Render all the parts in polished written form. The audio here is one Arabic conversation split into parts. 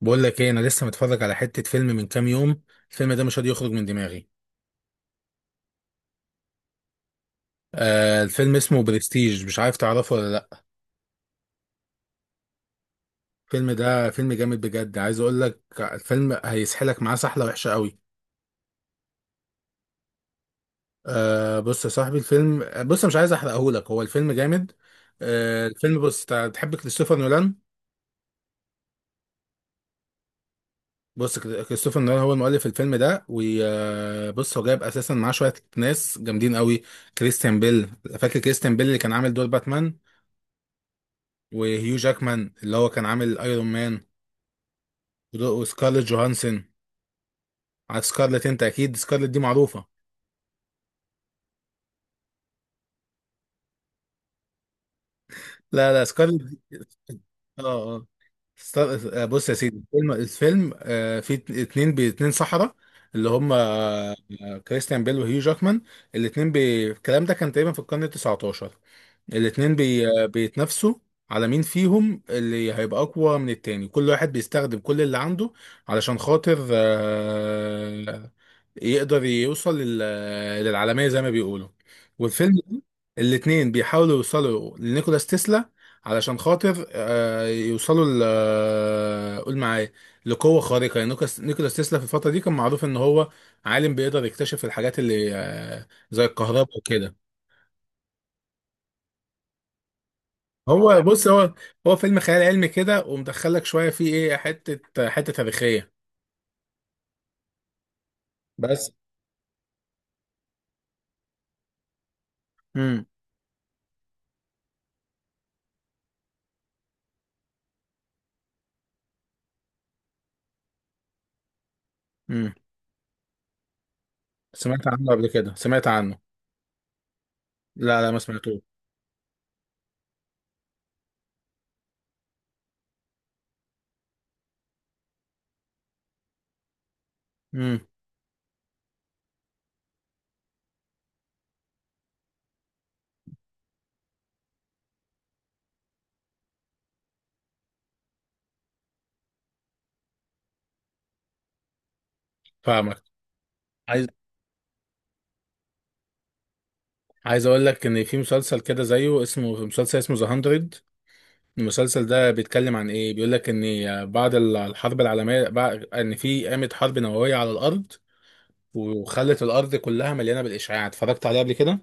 بقول لك ايه، انا لسه متفرج على حتة فيلم من كام يوم. الفيلم ده مش راضي يخرج من دماغي. آه، الفيلم اسمه برستيج، مش عارف تعرفه ولا لا؟ الفيلم ده فيلم جامد بجد. عايز اقول لك، الفيلم هيسحلك معاه سحلة وحشة قوي. آه، بص يا صاحبي، الفيلم، بص، مش عايز احرقه لك، هو الفيلم جامد. آه، الفيلم، بص، تحب كريستوفر نولان؟ بص، كريستوفر نولان هو المؤلف الفيلم ده، وبص هو جايب اساسا معاه شوية ناس جامدين قوي. كريستيان بيل. فاكر كريستيان بيل اللي كان عامل دور باتمان؟ وهيو جاكمان اللي هو كان عامل ايرون مان. وسكارلت جوهانسون. عارف سكارلت؟ انت اكيد سكارلت دي معروفه. لا لا، سكارلت. اه. اه. است- بص يا سيدي، الفيلم فيه اتنين باتنين سحرة، اللي هم، كريستيان بيل وهيو جاكمان. الاتنين الكلام ده كان تقريبا في القرن ال 19. الاتنين بي... آه، بيتنافسوا على مين فيهم اللي هيبقى أقوى من التاني. كل واحد بيستخدم كل اللي عنده علشان خاطر يقدر يوصل للعالمية زي ما بيقولوا. والفيلم ده، الاتنين بيحاولوا يوصلوا لنيكولاس تسلا علشان خاطر يوصلوا ل آه، قول معايا، لقوة خارقة. يعني نيكولاس تسلا في الفترة دي كان معروف ان هو عالم بيقدر يكتشف الحاجات اللي، زي الكهرباء وكده. هو بص هو فيلم خيال علمي كده، ومدخلك شوية فيه، ايه، حتة حتة تاريخية. بس. امم امم سمعت عنه قبل كده، سمعت عنه. لا لا، ما سمعتوش. امم. فاهمك. عايز عايز اقول لك ان في مسلسل كده زيه، اسمه مسلسل، اسمه ذا 100. المسلسل ده بيتكلم عن ايه؟ بيقول لك ان بعد الحرب العالميه، بعد ان في قامت حرب نوويه على الارض وخلت الارض كلها مليانه بالاشعاع. اتفرجت عليه قبل كده؟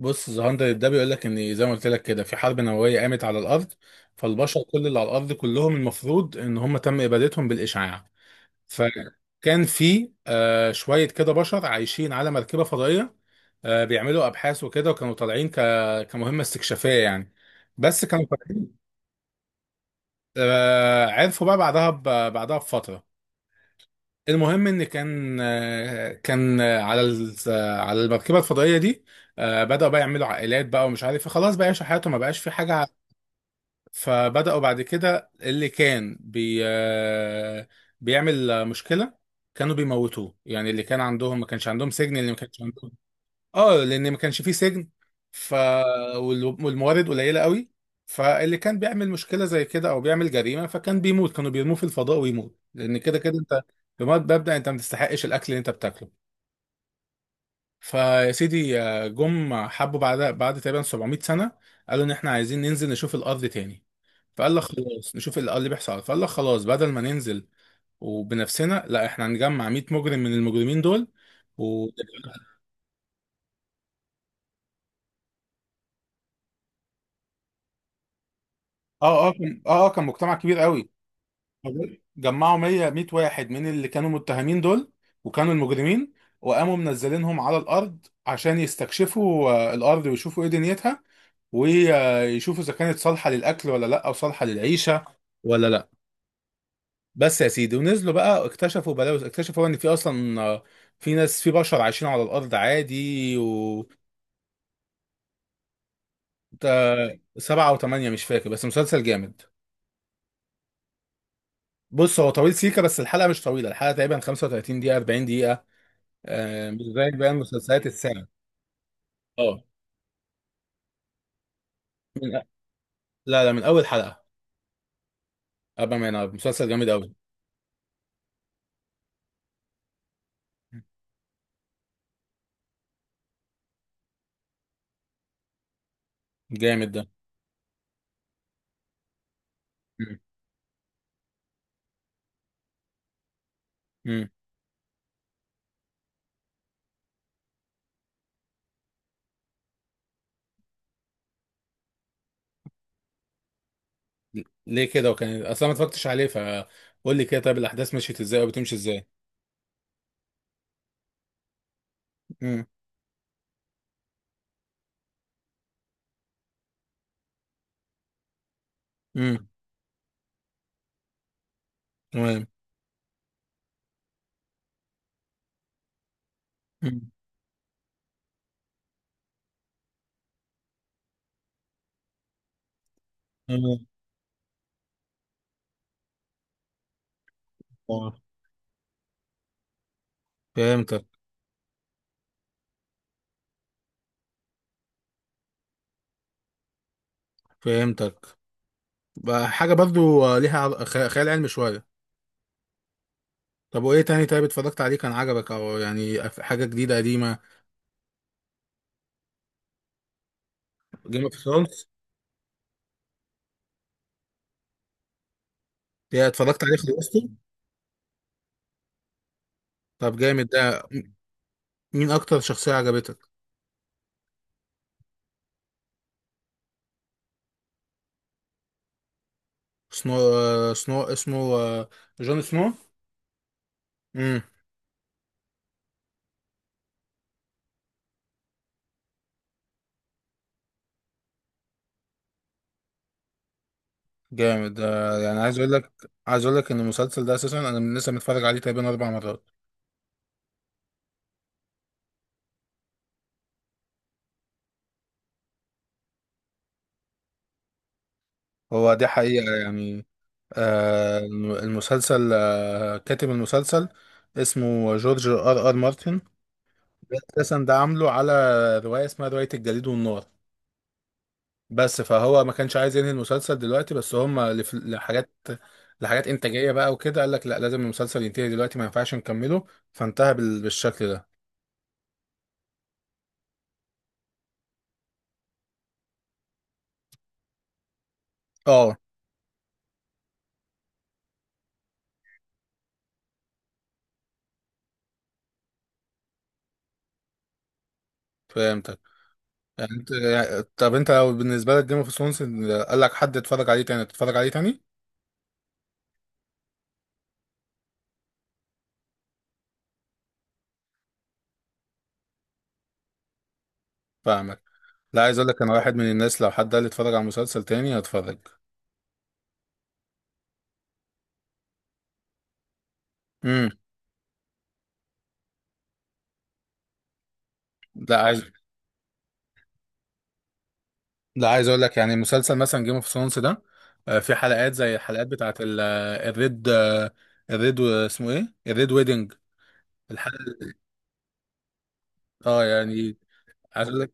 بص، ذا 100 ده بيقول لك ان زي ما قلت لك كده، في حرب نوويه قامت على الارض. فالبشر، كل اللي على الارض كلهم، المفروض ان هم تم ابادتهم بالاشعاع. فكان في، شويه كده، بشر عايشين على مركبه فضائيه. آه، بيعملوا ابحاث وكده، وكانوا طالعين كمهمه استكشافيه يعني. بس كانوا طالعين. عرفوا بقى بعدها بعدها بفترة. المهم ان كان على المركبة الفضائية دي. آه، بدأوا بقى يعملوا عائلات بقى ومش عارف إيه. خلاص بقى يعيشوا حياتهم، ما بقاش في حاجة فبدأوا بعد كده اللي كان بي آه، بيعمل، مشكلة، كانوا بيموتوه. يعني اللي كان عندهم ما كانش عندهم سجن، اللي ما كانش عندهم. اه، لان ما كانش فيه سجن. ف والموارد قليله قوي. فاللي كان بيعمل مشكله زي كده او بيعمل جريمه فكان بيموت، كانوا بيرموه في الفضاء ويموت، لان كده كده انت، بمبدا مبدأ انت ما تستحقش الاكل اللي انت بتاكله. فيا سيدي، آه، جم حبوا بعد تقريبا 700 سنه، قالوا ان احنا عايزين ننزل نشوف الارض تاني. فقال لك خلاص، نشوف الارض اللي بيحصل. فقال لك خلاص، بدل ما ننزل وبنفسنا، لا، احنا هنجمع 100 مجرم من المجرمين دول و... اه، اه، كان مجتمع كبير قوي. جمعوا 100 واحد من اللي كانوا متهمين دول، وكانوا المجرمين، وقاموا منزلينهم على الارض عشان يستكشفوا، الارض، ويشوفوا ايه دنيتها، ويشوفوا اذا كانت صالحه للاكل ولا لا، او صالحه للعيشه ولا لا. بس يا سيدي، ونزلوا بقى، اكتشفوا بلاوز. اكتشفوا ان في اصلا، في ناس، في بشر عايشين على الارض عادي، و سبعة وثمانية، مش فاكر، بس مسلسل جامد. بص هو طويل سيكا، بس الحلقة مش طويلة. الحلقة تقريبا 35 دقيقة، 40. آه، مش زي باقي مسلسلات الساعة. اه. من لا لا، من أول حلقة. أبا ما ينام، مسلسل جامد أوي. جامد ده. مم. مم. ليه كده وكان أصلا ما اتفرجتش عليه؟ فقول لي كده، طيب الأحداث مشيت إزاي أو بتمشي إزاي؟ مم. مم. تمام. مم. تمام. آه. فهمتك. فهمتك بقى. حاجة برضو، ليها خيال علمي شوية. طب وإيه تاني؟ طيب اتفرجت عليه، كان عجبك، أو يعني، حاجة جديدة قديمة؟ جيم اوف ثرونز. اتفرجت عليه، خلصته. طب جامد ده. مين أكتر شخصية عجبتك؟ سنو، اسمه، جون سنو. امم. جامد. آه، يعني عايز اقول لك، عايز اقول لك ان المسلسل ده اساسا، انا من لسه متفرج عليه تقريبا اربع مرات. هو دي حقيقة يعني. المسلسل، آه، كاتب المسلسل اسمه جورج ار ار مارتن. ده اساسا ده عامله على رواية، اسمها رواية الجليد والنار. بس فهو ما كانش عايز ينهي المسلسل دلوقتي، بس هم لحاجات، لحاجات انتاجية بقى وكده، قال لك لا، لازم المسلسل ينتهي دلوقتي، ما ينفعش نكمله. فانتهى بالشكل ده. اه، فهمتك. يعني انت طب انت لو بالنسبه لك جيم اوف ثرونز، قال لك حد اتفرج عليه تاني، تتفرج عليه تاني؟ فاهمك. لا، عايز اقول لك، انا واحد من الناس لو حد قال لي اتفرج على مسلسل تاني، هتفرج. امم. لا عايز لا، عايز اقول لك يعني مسلسل مثلا جيم اوف ثرونز ده، آه، في حلقات زي الحلقات بتاعت الريد، اسمه ايه، الريد ويدنج، الحلقه. اه، يعني عايز اقول لك،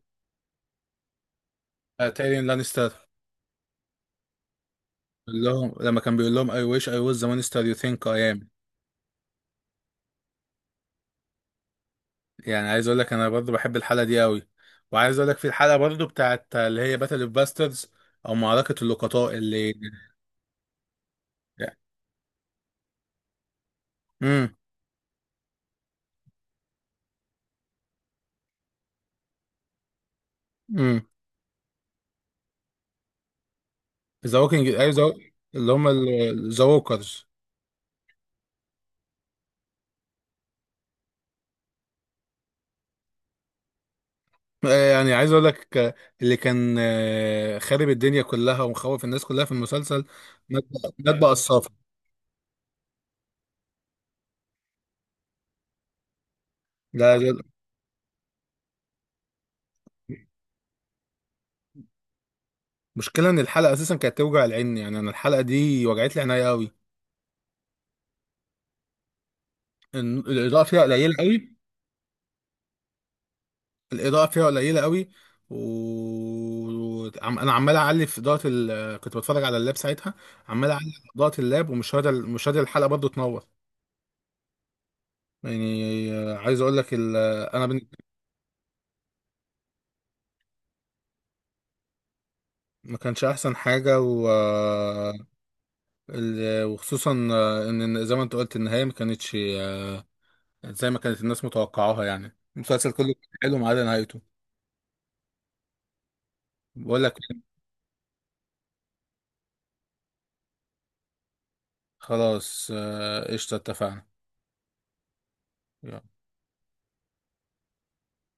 تايرين لانستر، اللي هم لما كان بيقول لهم I wish I was the monster you think I am. يعني عايز اقول لك انا برضو بحب الحلقه دي قوي، وعايز اقول لك في الحلقه برضو بتاعت اللي هي باتل اوف باسترز، او معركه اللقطاء اللي. امم امم ذا ووكينج، ايوه، اللي هم ذا ووكرز. آه، يعني عايز اقول لك، اللي كان، خارب الدنيا كلها ومخوف الناس كلها في المسلسل، مات بقى، مات بقى الصافي. لا لا، المشكله ان الحلقه اساسا كانت توجع العين. يعني انا الحلقه دي وجعت لي عينيا قوي. الاضاءه فيها قليله قوي. الاضاءه فيها قليله قوي، و انا عمال اعلي في اضاءه كنت بتفرج على اللاب ساعتها، عمال اعلي في اضاءه اللاب، ومش راضي، مش راضي الحلقه برضو تنور. يعني عايز اقول لك انا ما كانش احسن حاجه وخصوصا ان زي ما انت قلت النهايه ما كانتش زي ما كانت الناس متوقعاها. يعني المسلسل كله كان حلو، ما عدا نهايته. بقول لك خلاص، آه، قشطه، اتفقنا.